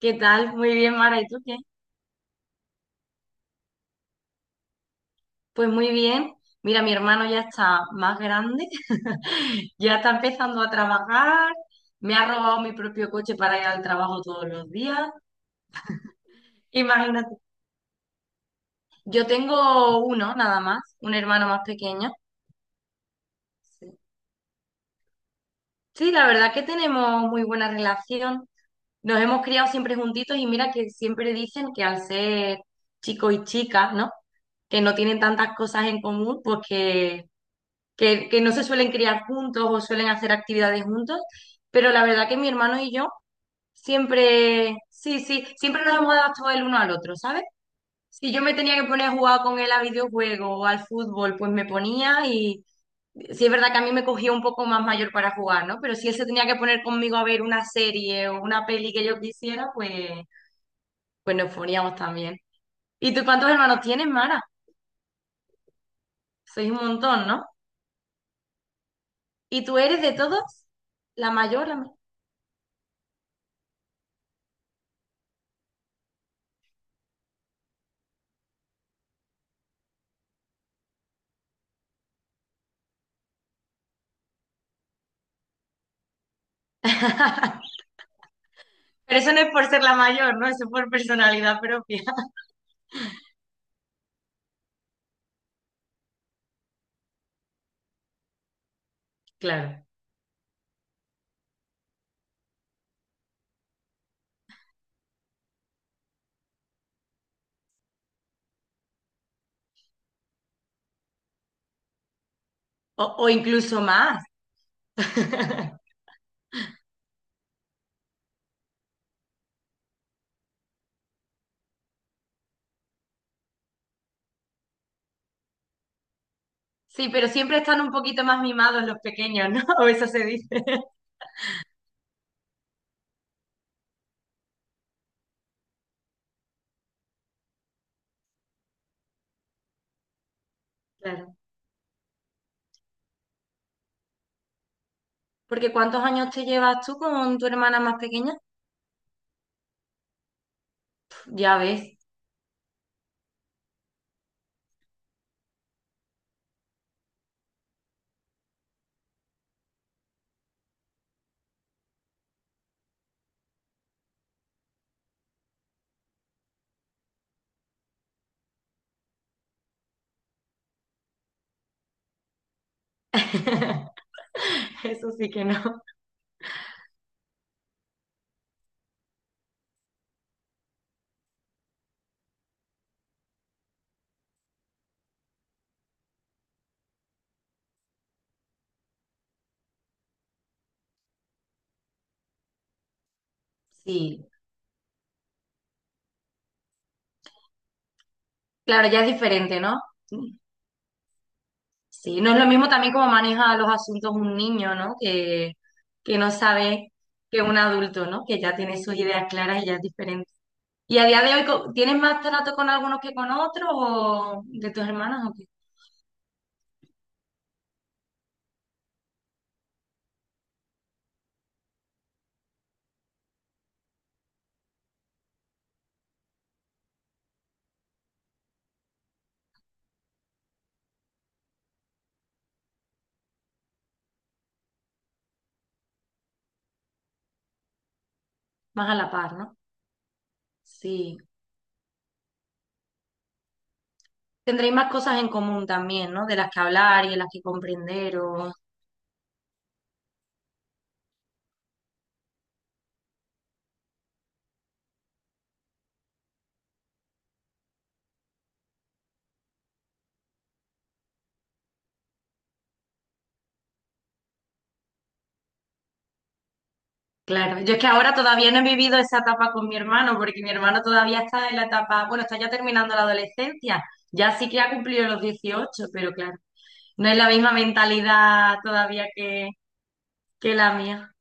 ¿Qué tal? Muy bien, Mara. ¿Y tú qué? Pues muy bien. Mira, mi hermano ya está más grande, ya está empezando a trabajar, me ha robado mi propio coche para ir al trabajo todos los días. Imagínate. Yo tengo uno nada más, un hermano más pequeño. Sí, sí, la verdad que tenemos muy buena relación. Nos hemos criado siempre juntitos y mira que siempre dicen que al ser chicos y chicas, ¿no? Que no tienen tantas cosas en común, pues que no se suelen criar juntos o suelen hacer actividades juntos, pero la verdad que mi hermano y yo siempre, sí, sí, siempre nos hemos adaptado el uno al otro, ¿sabes? Si yo me tenía que poner a jugar con él a videojuegos o al fútbol, pues me ponía y sí es verdad que a mí me cogía un poco más mayor para jugar, ¿no? Pero si él se tenía que poner conmigo a ver una serie o una peli que yo quisiera, pues, pues nos poníamos también. ¿Y tú cuántos hermanos tienes, Mara? Sois un montón, ¿no? ¿Y tú eres de todos? La mayor, la menor. Pero eso no es por ser la mayor, ¿no? Eso es por personalidad propia. Claro. O incluso más. Sí, pero siempre están un poquito más mimados los pequeños, ¿no? O eso se dice. Claro. Porque ¿cuántos años te llevas tú con tu hermana más pequeña? Ya ves. Eso sí que no. Sí. Claro, ya es diferente, ¿no? Sí, no es lo mismo también como maneja los asuntos un niño, ¿no? que, no sabe que un adulto, ¿no? Que ya tiene sus ideas claras y ya es diferente. ¿Y a día de hoy tienes más trato con algunos que con otros o de tus hermanas o qué? Más a la par, ¿no? Sí. Tendréis más cosas en común también, ¿no? De las que hablar y de las que comprender o... Claro, yo es que ahora todavía no he vivido esa etapa con mi hermano, porque mi hermano todavía está en la etapa, bueno, está ya terminando la adolescencia, ya sí que ha cumplido los 18, pero claro, no es la misma mentalidad todavía que la mía.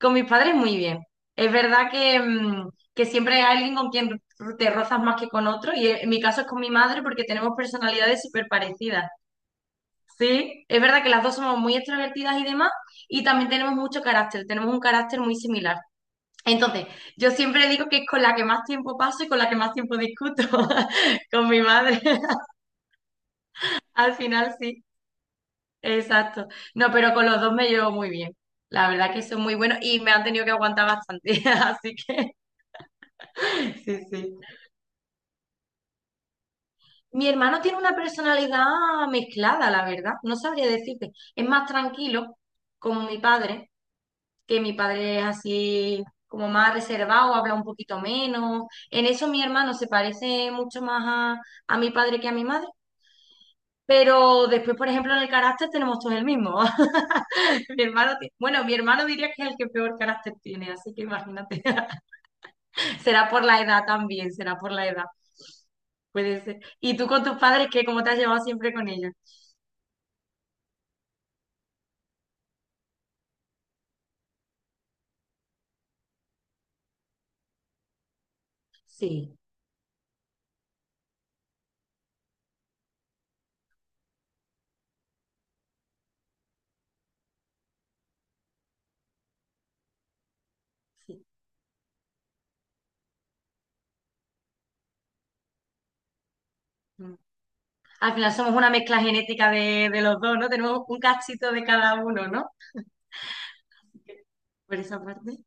Con mis padres muy bien. Es verdad que, que siempre hay alguien con quien te rozas más que con otro, y en mi caso es con mi madre porque tenemos personalidades súper parecidas. Sí, es verdad que las dos somos muy extrovertidas y demás, y también tenemos mucho carácter, tenemos un carácter muy similar. Entonces, yo siempre digo que es con la que más tiempo paso y con la que más tiempo discuto, con mi madre. Al final sí, exacto. No, pero con los dos me llevo muy bien. La verdad que son muy buenos y me han tenido que aguantar bastante, así que sí, sí. Mi hermano tiene una personalidad mezclada, la verdad. No sabría decirte. Es más tranquilo, como mi padre, que mi padre es así como más reservado, habla un poquito menos. En eso mi hermano se parece mucho más a mi padre que a mi madre. Pero después, por ejemplo, en el carácter tenemos todos el mismo. Mi hermano, ti- bueno, mi hermano diría que es el que peor carácter tiene, así que imagínate. Será por la edad también, será por la edad. Puede ser. ¿Y tú con tus padres, qué? ¿Cómo te has llevado siempre con ellos? Sí, sí. Mm. Al final somos una mezcla genética de los dos, ¿no? Tenemos un cachito de cada uno, ¿no? Así que, por esa parte.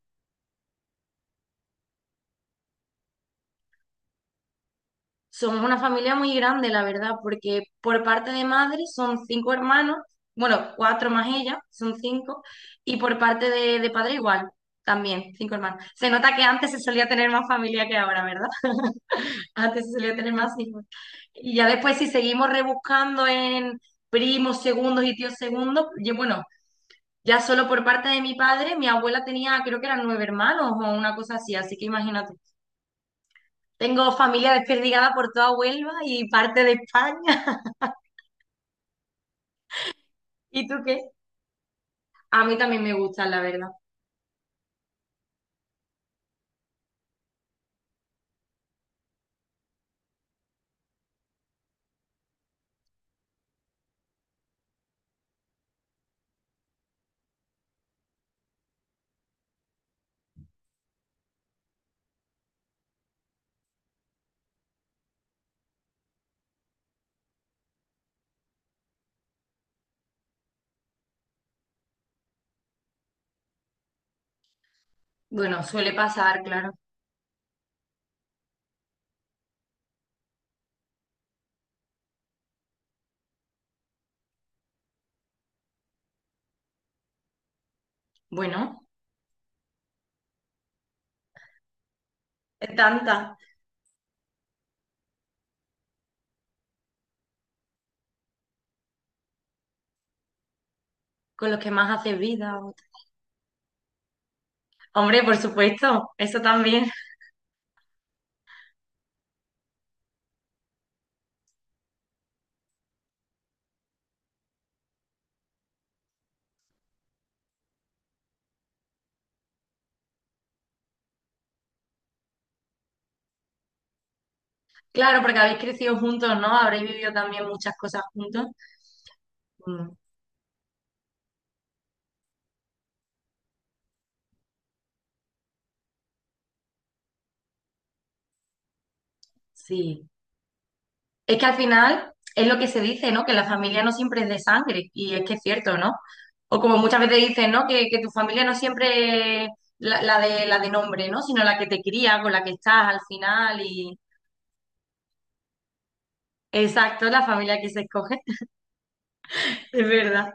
Somos una familia muy grande, la verdad, porque por parte de madre son cinco hermanos, bueno, cuatro más ella, son cinco, y por parte de padre igual, también, cinco hermanos. Se nota que antes se solía tener más familia que ahora, ¿verdad? Antes se solía tener más hijos. Y ya después, si seguimos rebuscando en primos segundos y tíos segundos, yo, bueno, ya solo por parte de mi padre, mi abuela tenía, creo que eran nueve hermanos o una cosa así, así que imagínate. Tengo familia desperdigada por toda Huelva y parte de España. ¿Y tú qué? A mí también me gustan, la verdad. Bueno, suele pasar, claro. Bueno, es tanta. Con los que más haces vida. O, hombre, por supuesto, eso también. Claro, porque habéis crecido juntos, ¿no? Habréis vivido también muchas cosas juntos. Mm, sí. Es que al final es lo que se dice, ¿no? Que la familia no siempre es de sangre, y es que es cierto, ¿no? O como muchas veces dicen, ¿no? Que tu familia no siempre es la de nombre, ¿no? Sino la que te cría, con la que estás al final, y exacto, la familia que se escoge, es verdad,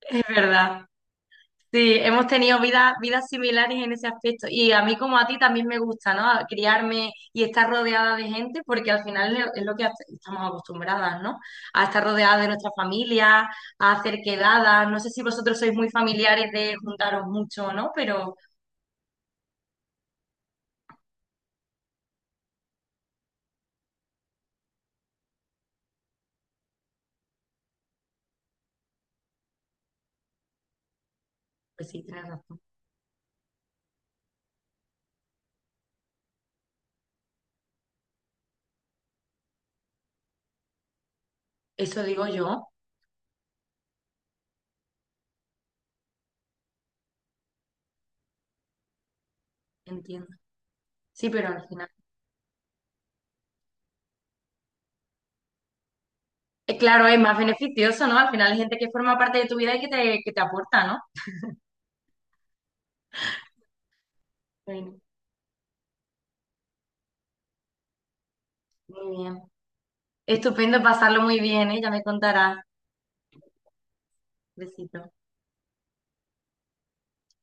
es verdad. Sí, hemos tenido vidas similares en ese aspecto. Y a mí como a ti también me gusta, ¿no? Criarme y estar rodeada de gente, porque al final es lo que hace- estamos acostumbradas, ¿no? A estar rodeada de nuestra familia, a hacer quedadas. No sé si vosotros sois muy familiares de juntaros mucho, o ¿no? Pero pues sí, tienes razón. Eso digo yo, entiendo. Sí, pero al final, claro, es más beneficioso, ¿no? Al final hay gente que forma parte de tu vida y que te aporta, ¿no? Bueno, muy bien. Estupendo, pasarlo muy bien, ¿eh? Ya me contarás. Besito.